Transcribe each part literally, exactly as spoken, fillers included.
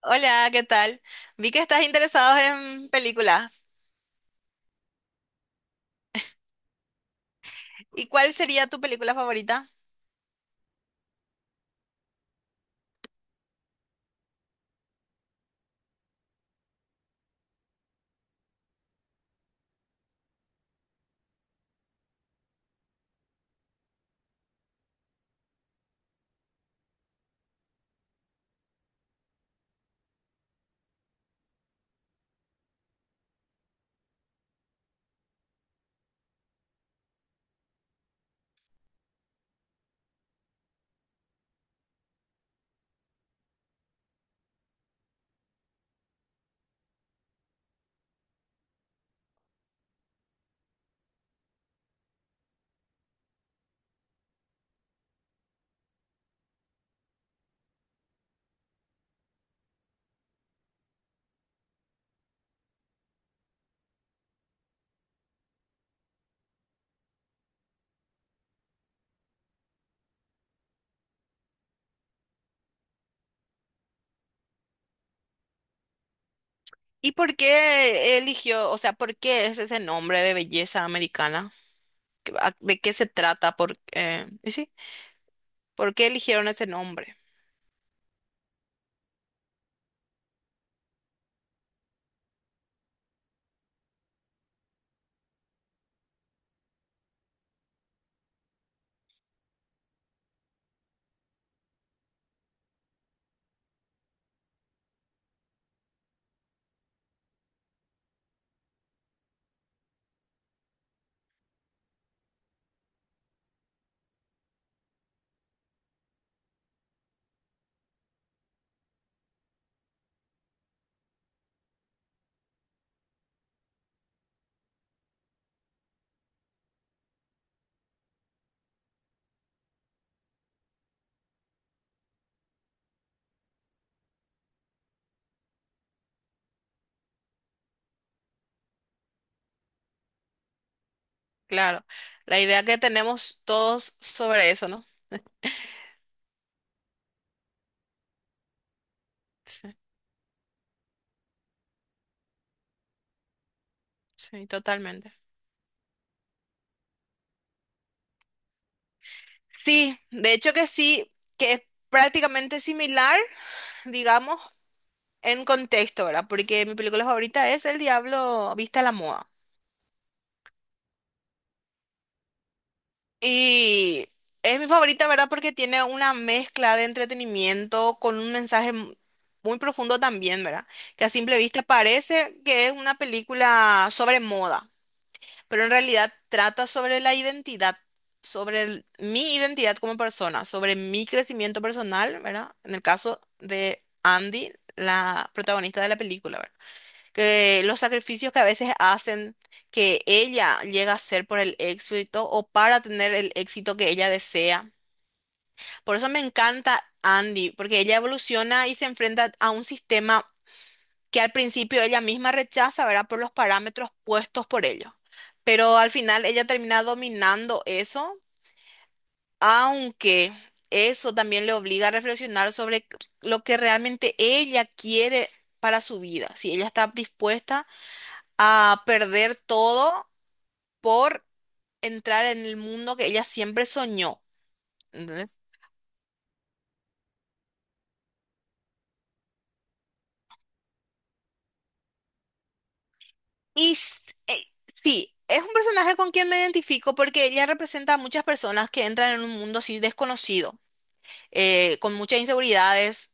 Hola, ¿qué tal? Vi que estás interesado en películas. ¿Y cuál sería tu película favorita? ¿Y por qué eligió, o sea, por qué es ese nombre de belleza americana? ¿Qué- a- ¿De qué se trata? ¿Por, eh, y sí, ¿por qué eligieron ese nombre? Claro, la idea que tenemos todos sobre eso, ¿no? Sí, sí, totalmente. Sí, de hecho que sí, que es prácticamente similar, digamos, en contexto, ¿verdad? Porque mi película favorita es El Diablo Vista a la Moda. Y es mi favorita, ¿verdad? Porque tiene una mezcla de entretenimiento con un mensaje mu- muy profundo también, ¿verdad? Que a simple vista parece que es una película sobre moda, pero en realidad trata sobre la identidad, sobre el- mi identidad como persona, sobre mi crecimiento personal, ¿verdad? En el caso de Andy, la protagonista de la película, ¿verdad? Que los sacrificios que a veces hacen que ella llega a hacer por el éxito o para tener el éxito que ella desea. Por eso me encanta Andy, porque ella evoluciona y se enfrenta a un sistema que al principio ella misma rechaza, ¿verdad? Por los parámetros puestos por ellos. Pero al final ella termina dominando eso, aunque eso también le obliga a reflexionar sobre lo que realmente ella quiere para su vida, si ella está dispuesta a perder todo por entrar en el mundo que ella siempre soñó. ¿Entendés? Y s- eh, sí, es un personaje con quien me identifico porque ella representa a muchas personas que entran en un mundo así desconocido, eh, con muchas inseguridades,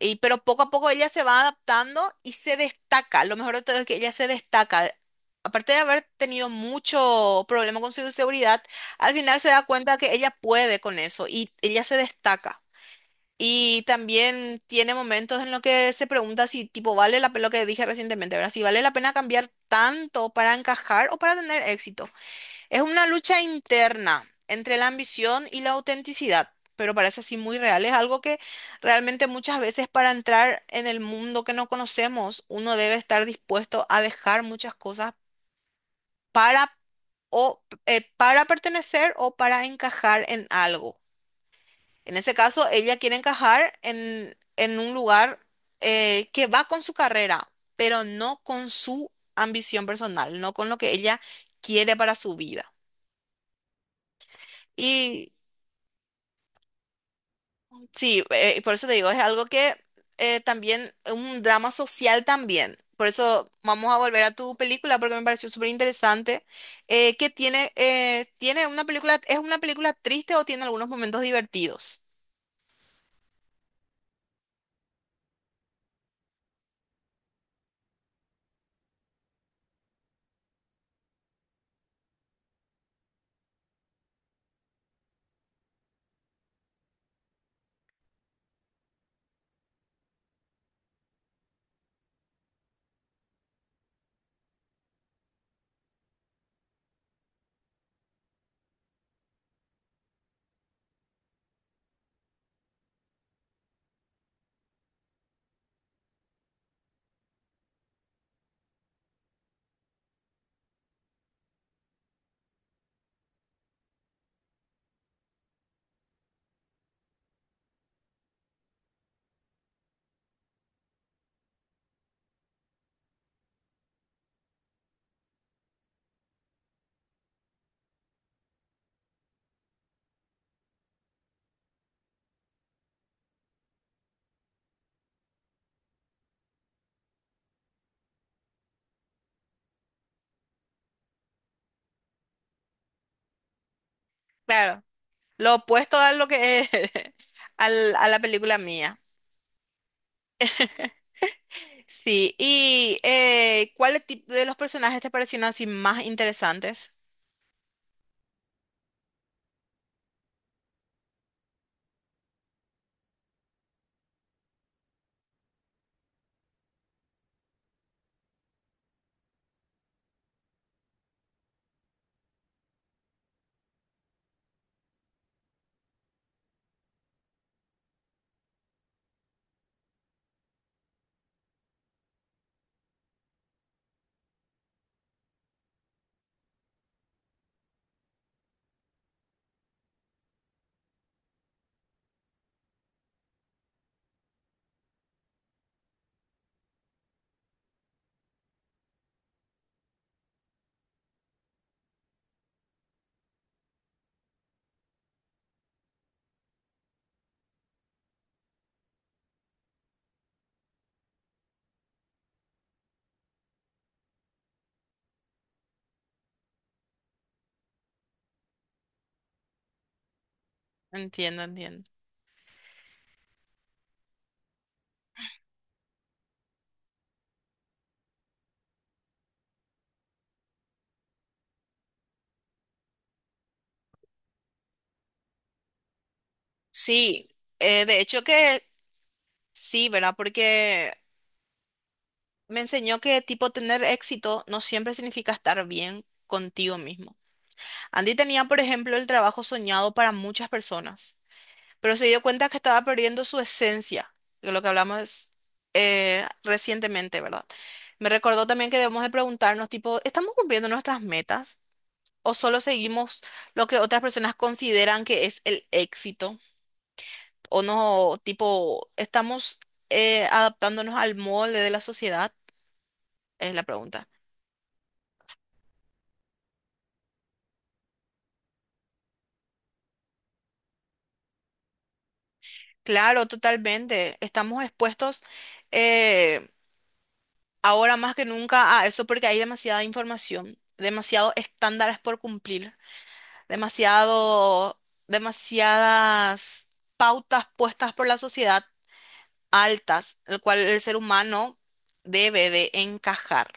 y, pero poco a poco ella se va adaptando y se destaca. Lo mejor de todo es que ella se destaca. Aparte de haber tenido mucho problema con su inseguridad, al final se da cuenta que ella puede con eso y ella se destaca. Y también tiene momentos en los que se pregunta si, tipo, vale la pena, lo que dije recientemente, ¿verdad? Si vale la pena cambiar tanto para encajar o para tener éxito. Es una lucha interna entre la ambición y la autenticidad, pero parece así muy real. Es algo que realmente muchas veces para entrar en el mundo que no conocemos, uno debe estar dispuesto a dejar muchas cosas para, o, eh, para pertenecer o para encajar en algo. En ese caso, ella quiere encajar en, en un lugar eh, que va con su carrera, pero no con su ambición personal, no con lo que ella quiere para su vida. Y sí, eh, por eso te digo, es algo que eh, también, un drama social también. Por eso vamos a volver a tu película porque me pareció súper interesante. Eh, que tiene, eh, tiene una película, ¿es una película triste o tiene algunos momentos divertidos? Claro. Lo opuesto a lo que es, al- a la película mía. Sí, y eh, ¿cuál tipo de los personajes te parecieron así más interesantes? Entiendo, entiendo. Sí, eh, de hecho que sí, ¿verdad? Porque me enseñó que tipo tener éxito no siempre significa estar bien contigo mismo. Andy tenía, por ejemplo, el trabajo soñado para muchas personas, pero se dio cuenta que estaba perdiendo su esencia, de lo que hablamos eh, recientemente, ¿verdad? Me recordó también que debemos de preguntarnos, tipo, ¿estamos cumpliendo nuestras metas? ¿O solo seguimos lo que otras personas consideran que es el éxito? ¿O no, tipo, estamos eh, adaptándonos al molde de la sociedad? Es la pregunta. Claro, totalmente. Estamos expuestos eh, ahora más que nunca a eso porque hay demasiada información, demasiados estándares por cumplir, demasiado, demasiadas pautas puestas por la sociedad altas, el cual el ser humano debe de encajar.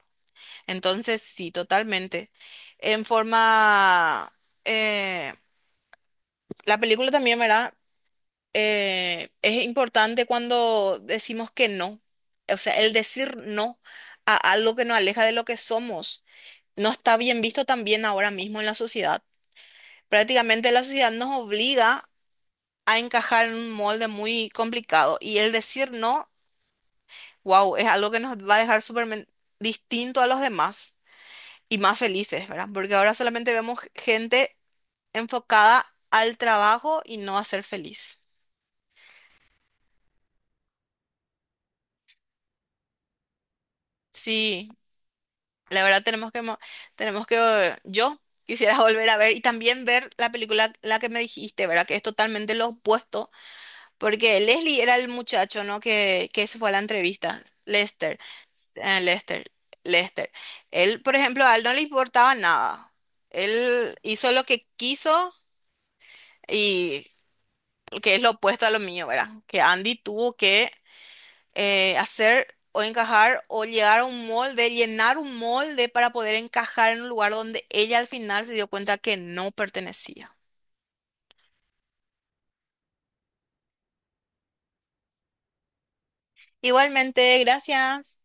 Entonces, sí, totalmente. En forma, eh, la película también, ¿verdad? Eh, es importante cuando decimos que no. O sea, el decir no a algo que nos aleja de lo que somos no está bien visto también ahora mismo en la sociedad. Prácticamente la sociedad nos obliga a encajar en un molde muy complicado. Y el decir no, wow, es algo que nos va a dejar súper men- distinto a los demás y más felices, ¿verdad? Porque ahora solamente vemos gente enfocada al trabajo y no a ser feliz. Sí, la verdad tenemos que, mo- tenemos que, eh, yo quisiera volver a ver y también ver la película, la que me dijiste, ¿verdad? Que es totalmente lo opuesto. Porque Leslie era el muchacho, ¿no? Que, que se fue a la entrevista. Lester. eh, Lester. Lester. Él, por ejemplo, a él no le importaba nada. Él hizo lo que quiso y que es lo opuesto a lo mío, ¿verdad? Que Andy tuvo que eh, hacer o encajar o llegar a un molde, llenar un molde para poder encajar en un lugar donde ella al final se dio cuenta que no pertenecía. Igualmente, gracias.